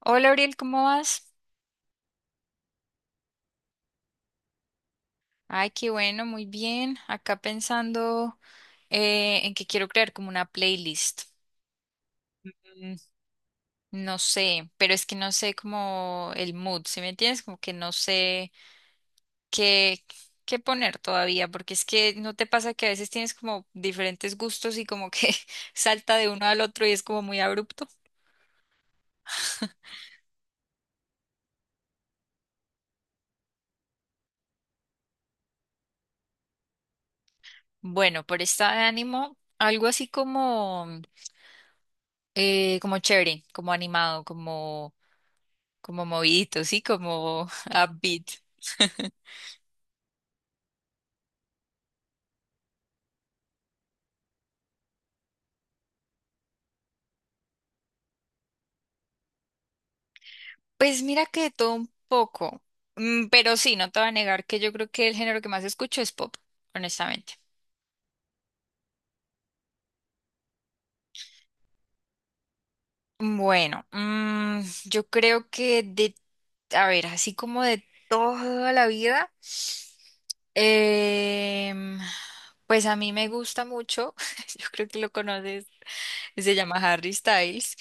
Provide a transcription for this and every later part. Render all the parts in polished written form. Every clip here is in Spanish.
Hola, Ariel, ¿cómo vas? Ay, qué bueno, muy bien. Acá pensando, en que quiero crear como una playlist. Mm. No sé, pero es que no sé como el mood, ¿sí me entiendes? Como que no sé qué, qué poner todavía, porque es que no te pasa que a veces tienes como diferentes gustos y como que salta de uno al otro y es como muy abrupto. Bueno, por esta de ánimo, algo así como, como chévere, como animado, como movidito, sí, como upbeat. Pues mira que de todo un poco. Mm. Pero sí, no te voy a negar que yo creo que el género que más escucho es pop, honestamente. Bueno, yo creo que de, a ver, así como de toda la vida, em, pues a mí me gusta mucho, yo creo que lo conoces, se llama Harry Styles.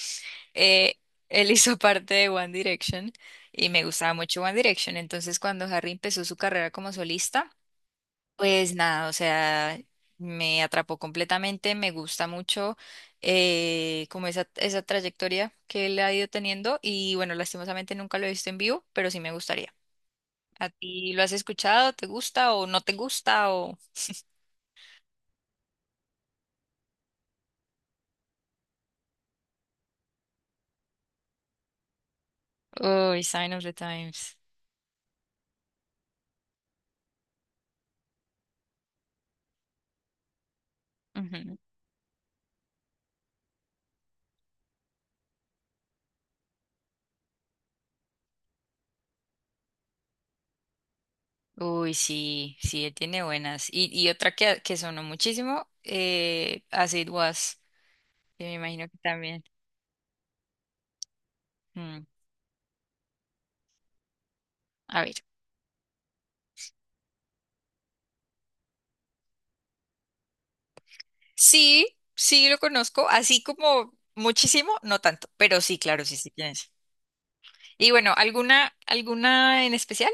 Eh, él hizo parte de One Direction y me gustaba mucho One Direction. Entonces, cuando Harry empezó su carrera como solista, pues nada, o sea, me atrapó completamente, me gusta mucho, como esa trayectoria que él ha ido teniendo y bueno, lastimosamente nunca lo he visto en vivo, pero sí me gustaría. ¿A ti lo has escuchado? ¿Te gusta o no te gusta? Oh, Sign of the Times. Uy, sí, sí, tiene buenas. Y otra que sonó muchísimo, As It Was, que me imagino que también. Mm. A ver. Sí, sí lo conozco, así como muchísimo, no tanto, pero sí, claro, sí, sí tienes. Y bueno, ¿alguna en especial?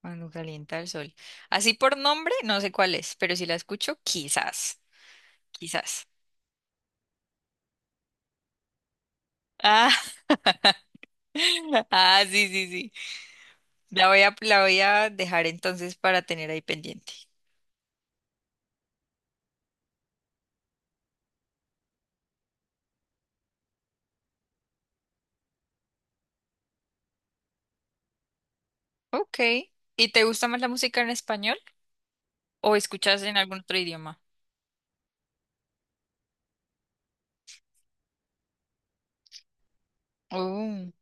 Cuando calienta el sol. Así por nombre, no sé cuál es, pero si la escucho, quizás, quizás. Ah, ah, sí, sí, sí. La voy a dejar entonces para tener ahí pendiente. Ok. ¿Y te gusta más la música en español o escuchas en algún otro idioma? Oh.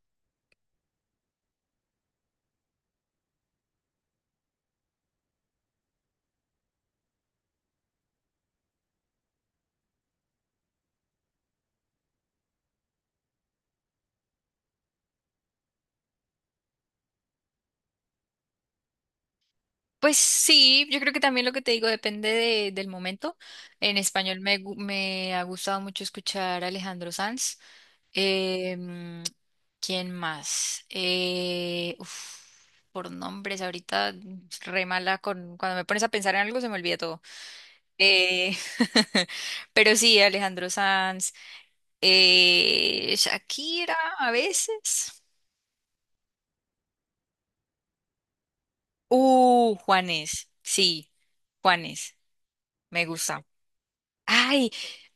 Pues sí, yo creo que también lo que te digo depende del momento. En español me ha gustado mucho escuchar a Alejandro Sanz. Eh, mm, ¿Quién más? Uf, por nombres, ahorita re mala con, cuando me pones a pensar en algo se me olvida todo. Eh, pero sí, Alejandro Sanz, Shakira a veces. Juanes. Sí, Juanes. Me gusta. Ay,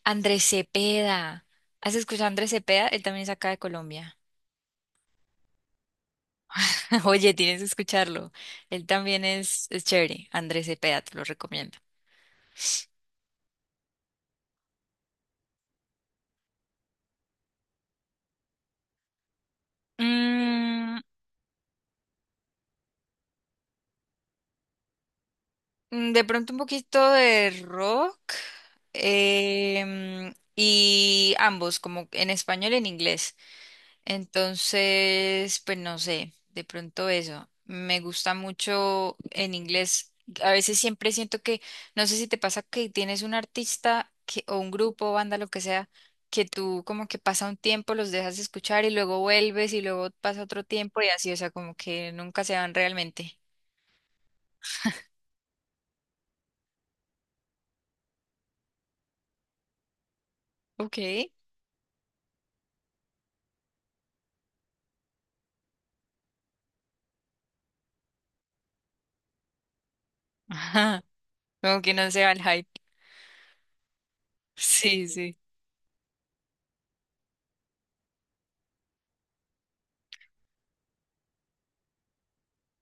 Andrés Cepeda. ¿Has escuchado a Andrés Cepeda? Él también es acá de Colombia. Oye, tienes que escucharlo. Él también es chévere. Andrés Cepeda, te lo recomiendo. Mm, de pronto un poquito de rock. Y ambos, como en español y en inglés. Entonces, pues no sé, de pronto eso. Me gusta mucho en inglés. A veces siempre siento que, no sé si te pasa que tienes un artista que, o un grupo, banda, lo que sea, que tú como que pasa un tiempo, los dejas de escuchar y luego vuelves y luego pasa otro tiempo y así, o sea, como que nunca se van realmente. Ok. Ajá, como que no se va el hype. Sí, sí.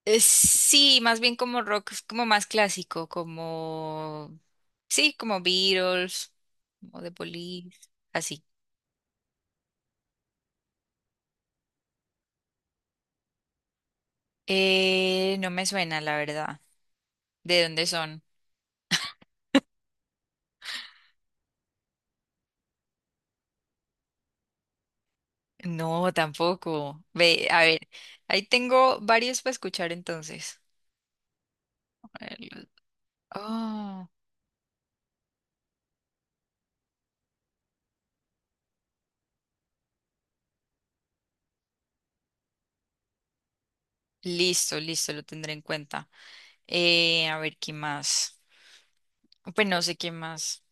Sí, más bien como rock, es como más clásico, como, sí, como Beatles, como The Police, así. No me suena, la verdad. ¿De dónde son? No, tampoco. Ve, a ver, ahí tengo varios para escuchar entonces. A ver, oh, listo, listo, lo tendré en cuenta. A ver, ¿qué más? Pues no sé qué más.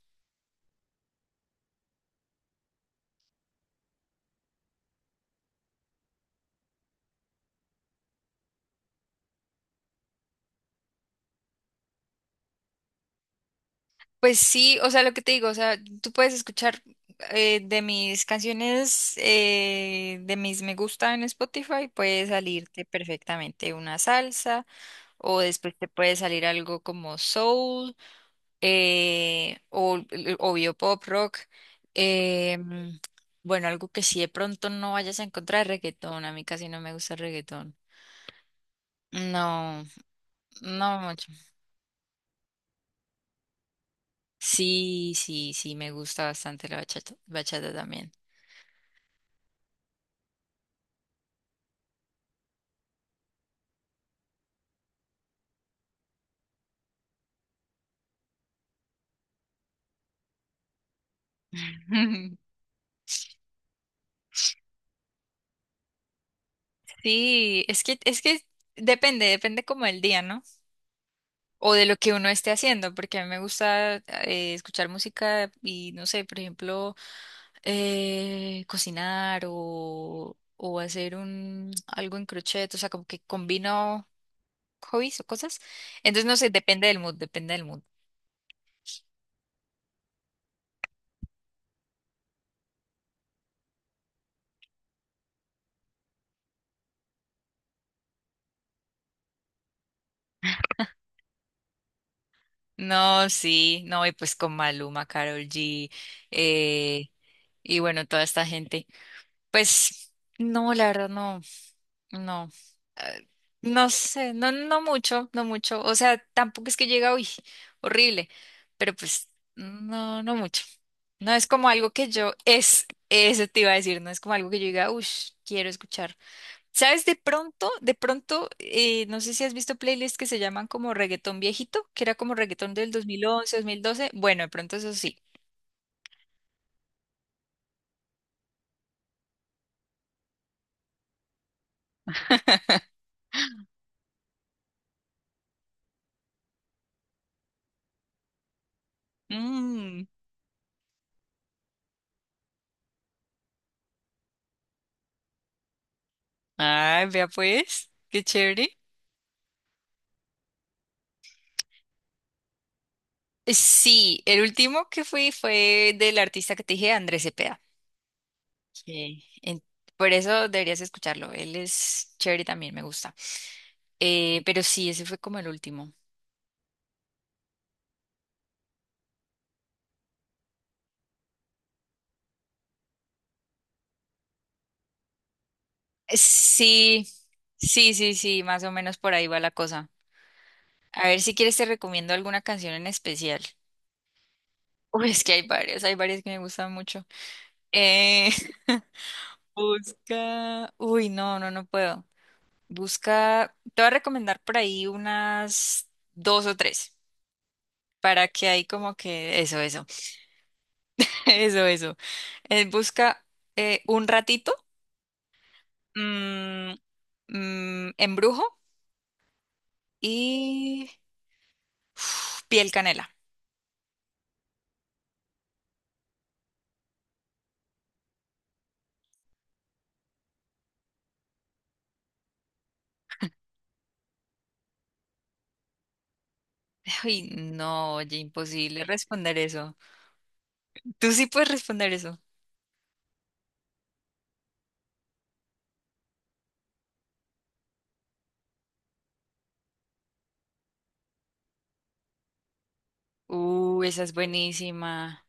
Pues sí, o sea, lo que te digo, o sea, tú puedes escuchar, de mis canciones, de mis me gusta en Spotify, puede salirte perfectamente una salsa, o después te puede salir algo como soul, o obvio pop rock. eh, mm, bueno, algo que sí de pronto no vayas a encontrar reggaetón, a mí casi no me gusta el reggaetón. No, no mucho. Sí, sí, sí, me gusta bastante la bachata, bachata también. Sí, es que depende, depende como el día, ¿no? O de lo que uno esté haciendo, porque a mí me gusta, escuchar música y no sé, por ejemplo, cocinar o hacer un algo en crochet, o sea, como que combino hobbies o cosas. Entonces, no sé, depende del mood, depende del mood. No, sí, no, y pues con Maluma, Karol G, eh, y bueno, toda esta gente. Pues no, la verdad no. No. eh, No sé, no, no mucho, no mucho. O sea, tampoco es que llega, uy, horrible, pero pues no, no mucho. No es como algo que yo, es, eso te iba a decir, no es como algo que yo diga, uy, quiero escuchar. ¿Sabes? De pronto, no sé si has visto playlists que se llaman como reggaetón viejito, que era como reggaetón del dos mil once, 2012. Bueno, de pronto eso sí. Mm. Ay, vea pues, qué chévere. Sí, el último que fui fue del artista que te dije, Andrés Cepeda. que en- por eso deberías escucharlo. Él es chévere también, me gusta. Pero sí, ese fue como el último. Sí, sí, sí, sí, más o menos por ahí va la cosa. A ver si quieres te recomiendo alguna canción en especial. Uy, es que hay varias que me gustan mucho. Eh, busca. Uy, no, no, no puedo. Busca. Te voy a recomendar por ahí unas dos o tres. Para que ahí como que eso, eso, eso. Busca, un ratito, mm, embrujo y uf, piel canela. Ay, no, oye, imposible responder eso. Tú sí puedes responder eso. Esa es buenísima.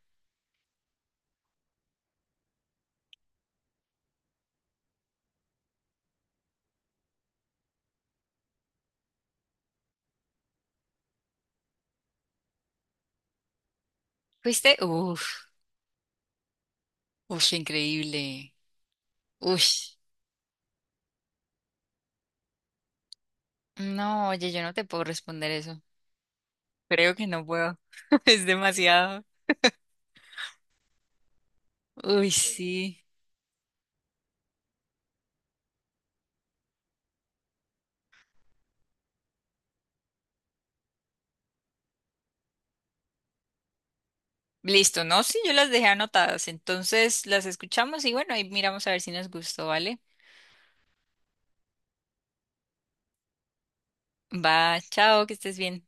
¿Fuiste? Uf, uf, increíble. Uf. No, oye, yo no te puedo responder eso. Creo que no puedo. Es demasiado. Uy, sí. Listo, ¿no? Sí, yo las dejé anotadas. Entonces las escuchamos y bueno, ahí miramos a ver si nos gustó, ¿vale? Va, chao, que estés bien.